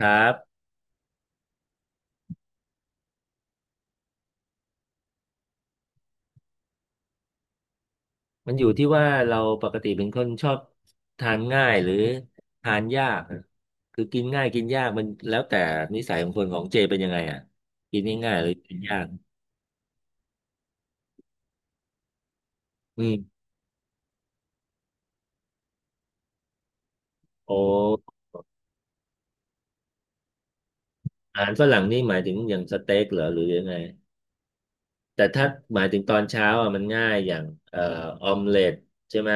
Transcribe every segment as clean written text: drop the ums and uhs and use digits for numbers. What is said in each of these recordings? ครับมันอยู่ที่ว่าเราปกติเป็นคนชอบทานง่ายหรือทานยากอะคือกินง่ายกินยากมันแล้วแต่นิสัยของคนของเจเป็นยังไงอ่ะกินง่ายๆหรือกินยากอืมโอ้อาหารฝรั่งนี่หมายถึงอย่างสเต็กเหรอหรือยังไงแต่ถ้าหมายถึงตอนเช้าอ่ะมันง่ายอย่างเอ่อออมเล็ตใช่ไหม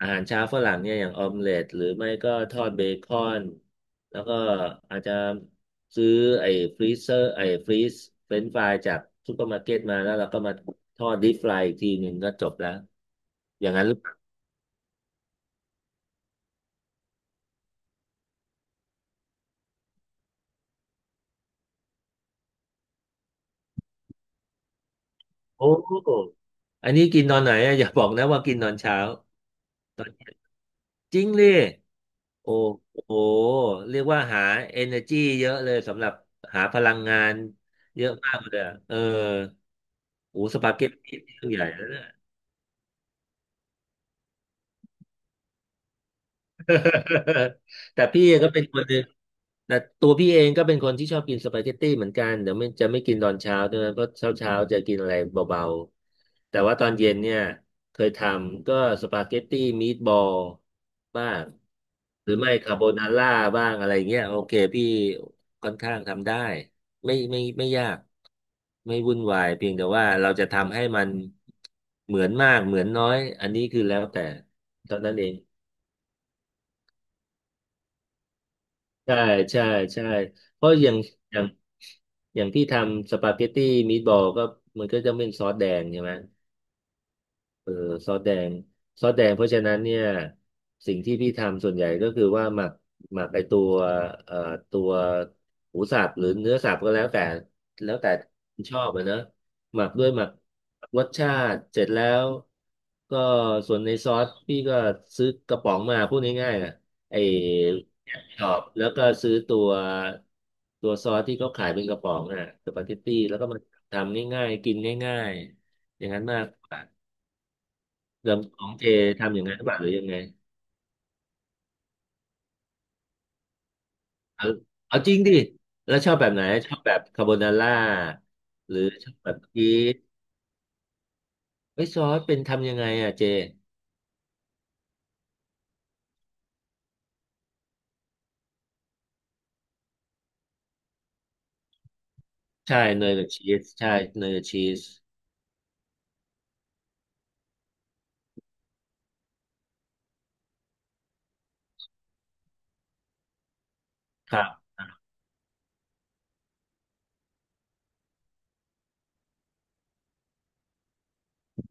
อาหารเช้าฝรั่งเนี่ยอย่างออมเล็ตหรือไม่ก็ทอดเบคอนแล้วก็อาจจะซื้อไอ้ไอ้ฟรีซเฟรนช์ฟรายจากซูเปอร์มาร์เก็ตมาแล้วเราก็มาทอดดิฟรายอีกทีหนึ่งก็จบแล้วอย่างนั้นหรือเปล่าโอ้โหอันนี้กินตอนไหนอะอย่าบอกนะว่ากินตอนเช้าตอนเย็นจริงเลย โอ้โหเรียกว่าหา energy เยอะเลยสำหรับหาพลังงานเยอะมากเลยอะเออโอ้สปาเกตตี้เรื่องใหญ่แล้วย แต่พี่ก็เป็นคนหนึ่งแต่ตัวพี่เองก็เป็นคนที่ชอบกินสปาเกตตี้เหมือนกันเดี๋ยวไม่จะไม่กินตอนเช้าด้วยนะเพราะเช้าเช้าจะกินอะไรเบาๆแต่ว่าตอนเย็นเนี่ยเคยทำก็สปาเกตตี้มีดบอลบ้างหรือไม่คาโบนาร่าบ้างอะไรเงี้ยโอเคพี่ค่อนข้างทำได้ไม่ไม่ไม่ยากไม่วุ่นวายเพียงแต่ว่าเราจะทำให้มันเหมือนมากเหมือนน้อยอันนี้คือแล้วแต่เท่านั้นเอง ใช่ใช่ใช่เพราะอย่างอย่างที่ทำสปาเกตตี้มี b บอลก็มันก็จะเป็นซอสแดงใช่ไหม เออซอสแดงซอสแดงเพราะฉะนั้นเนี่ยสิ่งที่พี่ทำส่วนใหญ่ก็คือว่าหมักไอตัวเอ่อตัวหมูสับหรือเนื้อสับก็แล้วแต่แล้วแต่ชอบอะเนอะหมักด้วยหมักรสชาติเสร็จแล้วก็ส่วนในซอสพี่ก็ซื้อกระป๋องมาพูดง่ายๆนะไอชอบแล้วก็ซื้อตัวซอสที่เขาขายเป็นกระป๋องน่ะสปาเกตตี้แล้วก็มาทำง่ายๆกินง่ายๆอย่างนั้นมากกว่า เรื่องของเจทำอย่างนั้นหรือเปล่าหรือยังไงเอาเอาจริงดิแล้วชอบแบบไหนชอบแบบคาโบนาร่าหรือชอบแบบชีสไม่ซอสเป็นทำยังไงอ่ะเจใช่เนยกับชีสใช่เนยกับชีสครับ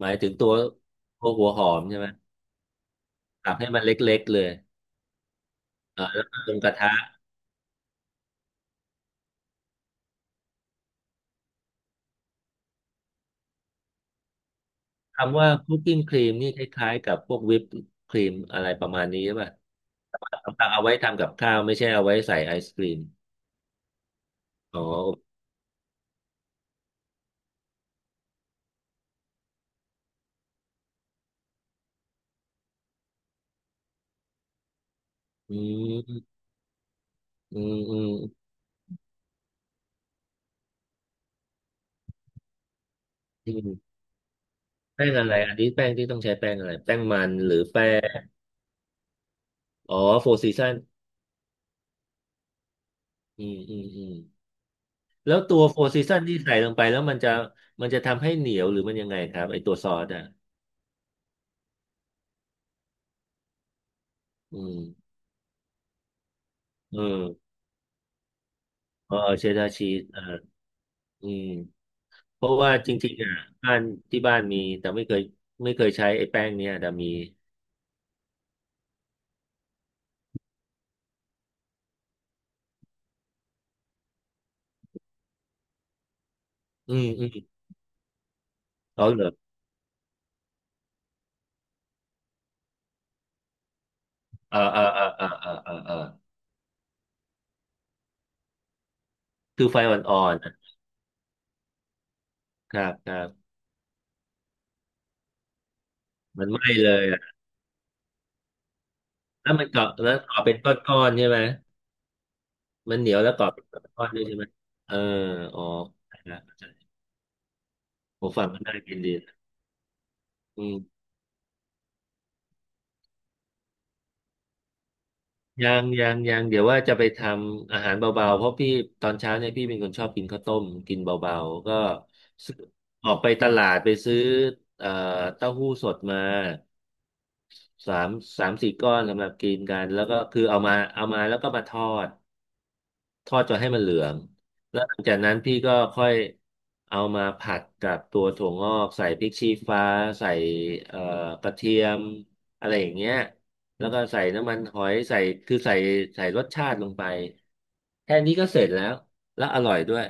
หมายถึงตัวตัวหัวหอมใช่ไหมสับให้มันเล็กๆเลยเออแล้วก็ลงกระทะคำว่าคุกกิ้งครีมนี่คล้ายๆกับพวกวิปครีมอะไรประมาณนี้หรือเปล่ะสำหรับเอาไว้ทำกับข้าวไม่ใช่เอาไว้ใส่ไอศกรีมอ๋ออืมอืมอืมอืม แป้งอะไรอันนี้แป้งที่ต้องใช้แป้งอะไรแป้งมันหรือแป้งอ๋อโฟร์ซีซันอืมอืมอืมแล้วตัวโฟร์ซีซันที่ใส่ลงไปแล้วมันจะทำให้เหนียวหรือมันยังไงครับไอตัวซอสอ่ะอืมเออเออเชดดาร์ชีสอ่าอืมเพราะว่าจริงๆอ่ะบ้านที่บ้านมีแต่ไม่เคยใช้ไอ้แป้งเนี้ยแต่มีอืมอืมเอาเหรอเออเออเออเออเออเออเออคือไฟอ่อนๆอะครับครับมันไหม้เลยอ่ะแล้วมันเกาะแล้วเกาะเป็นก้อนๆใช่ไหม มันเหนียวแล้วกรอบเป็นก้อนด้วยใช่ไหมเอออ๋อเข้าใจละเข้าใจผมฟังมันน่ากินดีนะอืมยังยังยังเดี๋ยวว่าจะไปทำอาหารเบาๆเพราะพี่ตอนเช้าเนี่ยพี่เป็นคนชอบกินข้าวต้มกินเบาๆก็ซื้อออกไปตลาดไปซื้อเอ่อเต้าหู้สดมาสามสามสี่ก้อนสำหรับกินกันแล้วก็คือเอามาแล้วก็มาทอด ทอดจนให้มันเหลืองแล้วหลังจากนั้นพี่ก็ค่อยเอามาผัดกับตัวถั่วงอกใส่พริกชี้ฟ้าใส่เอ่อกระเทียมอะไรอย่างเงี้ยแล้วก็ใส่น้ำมันหอยใส่คือใส่รสชาติลงไปแค่นี้ก็เสร็จแล้วแล้วอร่อยด้วย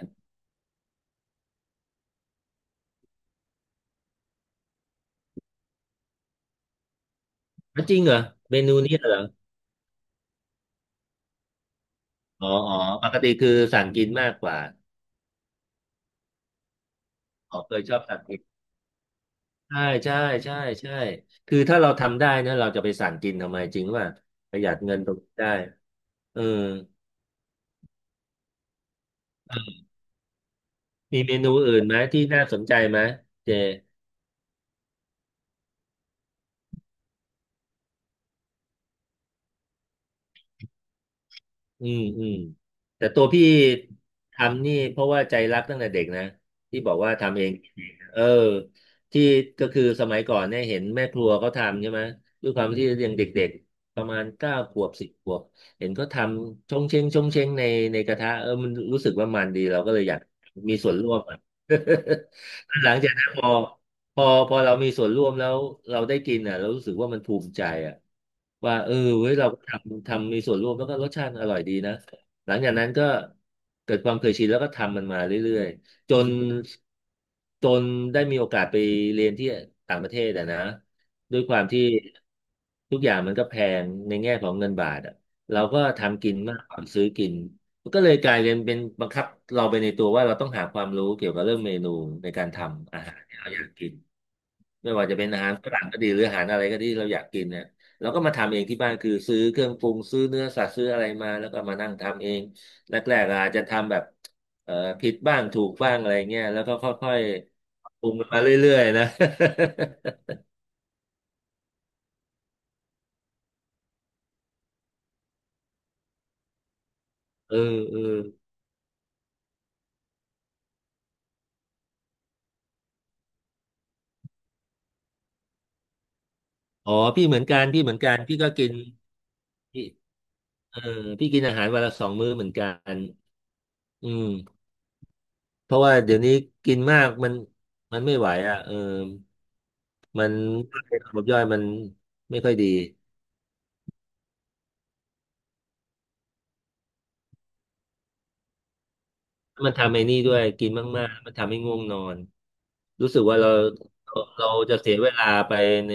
อ่ะจริงเหรอเมนูนี้เหรออ๋ออ๋อปกติคือสั่งกินมากกว่าอ๋อเคยชอบสั่งกินใช่ใช่ใช่ใช่คือถ้าเราทำได้นะเราจะไปสั่งกินทำไมจริงว่าประหยัดเงินตรงนี้ได้เออ มีเมนูอื่นไหมที่น่าสนใจไหมเจอืมอืมแต่ตัวพี่ทำนี่เพราะว่าใจรักตั้งแต่เด็กนะที่บอกว่าทำเองเออที่ก็คือสมัยก่อนเนี่ยเห็นแม่ครัวเขาทำใช่ไหมด้วยความที่ยังเด็กๆประมาณเก้าขวบสิบขวบเห็นเขาทำชงเชงชงเชงในกระทะเออมันรู้สึกว่ามันดีเราก็เลยอยากมีส่วนร่วมอะ หลังจากนั้นพอ พอเรามีส่วนร่วมแล้วเราได้กินอ่ะเรารู้สึกว่ามันภูมิใจอ่ะว่าเออเว้ยเราก็ทำมีส่วนร่วมแล้วก็รสชาติอร่อยดีนะหลังจากนั้นก็เกิดความเคยชินแล้วก็ทำมันมาเรื่อยๆจนได้มีโอกาสไปเรียนที่ต่างประเทศอ่ะนะด้วยความที่ทุกอย่างมันก็แพงในแง่ของเงินบาทอ่ะเราก็ทำกินมากกว่าซื้อกินนก็เลยกลายเป็นบังคับเราไปในตัวว่าเราต้องหาความรู้เกี่ยวกับเรื่องเมนูในการทำอาหารที่เราอยากกิน ไม่ว่าจะเป็นอาหารฝรั่งก็ดีหรืออาหารอะไรก็ดีเราอยากกินเนี่ยเราก็มาทำเองที่บ้านคือซื้อเครื่องปรุงซื้อเนื้อสัตว์ซื้ออะไรมาแล้วก็มานั่งทำเองแรกๆอาจจะทำแบบเอ่อผิดบ้างถูกบ้างอะไรเงี้ยแล้วก็ค่อยๆปรุงมาเรื่อยๆนะ เออเอออ๋อพี่เหมือนกันพี่ก็กินพี่เออพี่กินอาหารวันละสองมื้อเหมือนกันอืมเพราะว่าเดี๋ยวนี้กินมากมันไม่ไหวอ่ะเออ มันระบบย่อยมันไม่ค่อยดีมันทำไอ้นี่ด้วยกินมากๆมันทำให้ง่วงนอนรู้สึกว่าเราจะเสียเวลาไปใน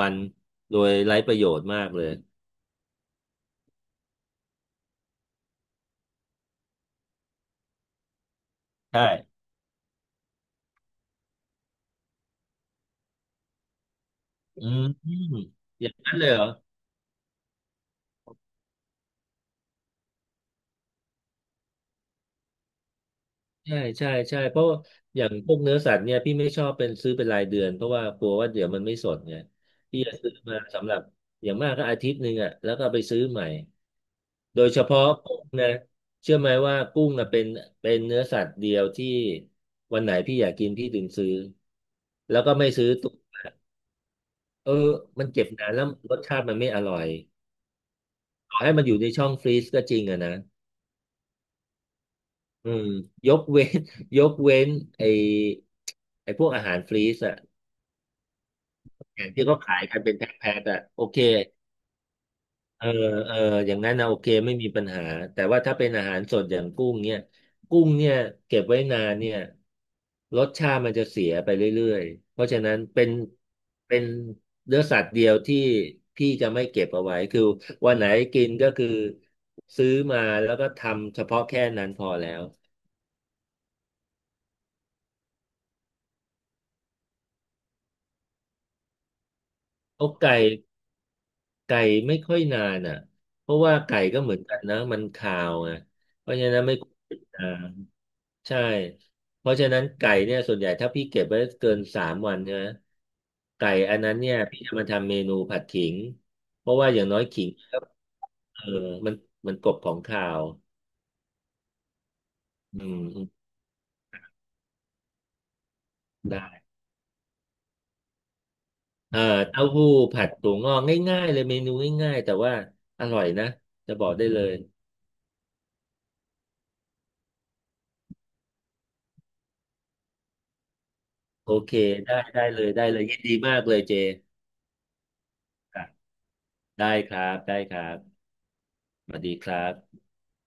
วันๆโดยไร้ประโยชน์มากเลยใช่อืมอย่างนั้นเลยเหรอใช่ใช่ใช่เพราะอย่างพวกเนื้อสัตว์เนี่ยพี่ไม่ชอบเป็นซื้อเป็นรายเดือนเพราะว่ากลัวว่าเดี๋ยวมันไม่สดไงพี่จะซื้อมาสำหรับอย่างมากก็อาทิตย์หนึ่งอ่ะแล้วก็เอาไปซื้อใหม่ โดยเฉพาะกุ้งนะเชื่อไหมว่ากุ้งนะเป็นเนื้อสัตว์เดียวที่วันไหนพี่อยากกินพี่ถึงซื้อแล้วก็ไม่ซื้อตุเออมันเก็บนานแล้วรสชาติมันไม่อร่อยต่อให้มันอยู่ในช่องฟรีซก็จริงอะนะอืมยกเว้น ยกเว้นไอไอพวกอาหารฟรีซอะอย่างที่เขาขายกันเป็นแพ็คๆอะโอเคเออเอออย่างนั้นนะโอเคไม่มีปัญหาแต่ว่าถ้าเป็นอาหารสดอย่างกุ้งเนี่ยกุ้งเนี่ยเก็บไว้นานเนี่ย รสชาติมันจะเสียไปเรื่อยๆ เพราะฉะนั้นเป็นเป็นเนื้อสัตว์เดียวที่พี่จะไม่เก็บเอาไว้คือวันไหนกินก็คือซื้อมาแล้วก็ทำเฉพาะแค่นั้นพอแล้วเอาไก่ไม่ค่อยนานอ่ะเพราะว่าไก่ก็เหมือนกันนะมันคาวไงเพราะฉะนั้นไม่ควรเก็บนานใช่เพราะฉะนั้นไก่เนี่ยส่วนใหญ่ถ้าพี่เก็บไว้เกินสามวันใช่ไหมไก่อันนั้นเนี่ยพี่จะมาทำเมนูผัดขิงเพราะว่าอย่างน้อยขิง เออมันมันกบของข่าว อืมอืมได้เออเต้าหู้ผัดถั่วงอกง่ายๆเลยเมนูง่ายๆแต่ว่าอร่อยนะจะบอกได้เลยโอเคได้ได้เลยได้เลยยินดีมากเลยเจอ่ะได้ครับได้ครับสวัสดีครับ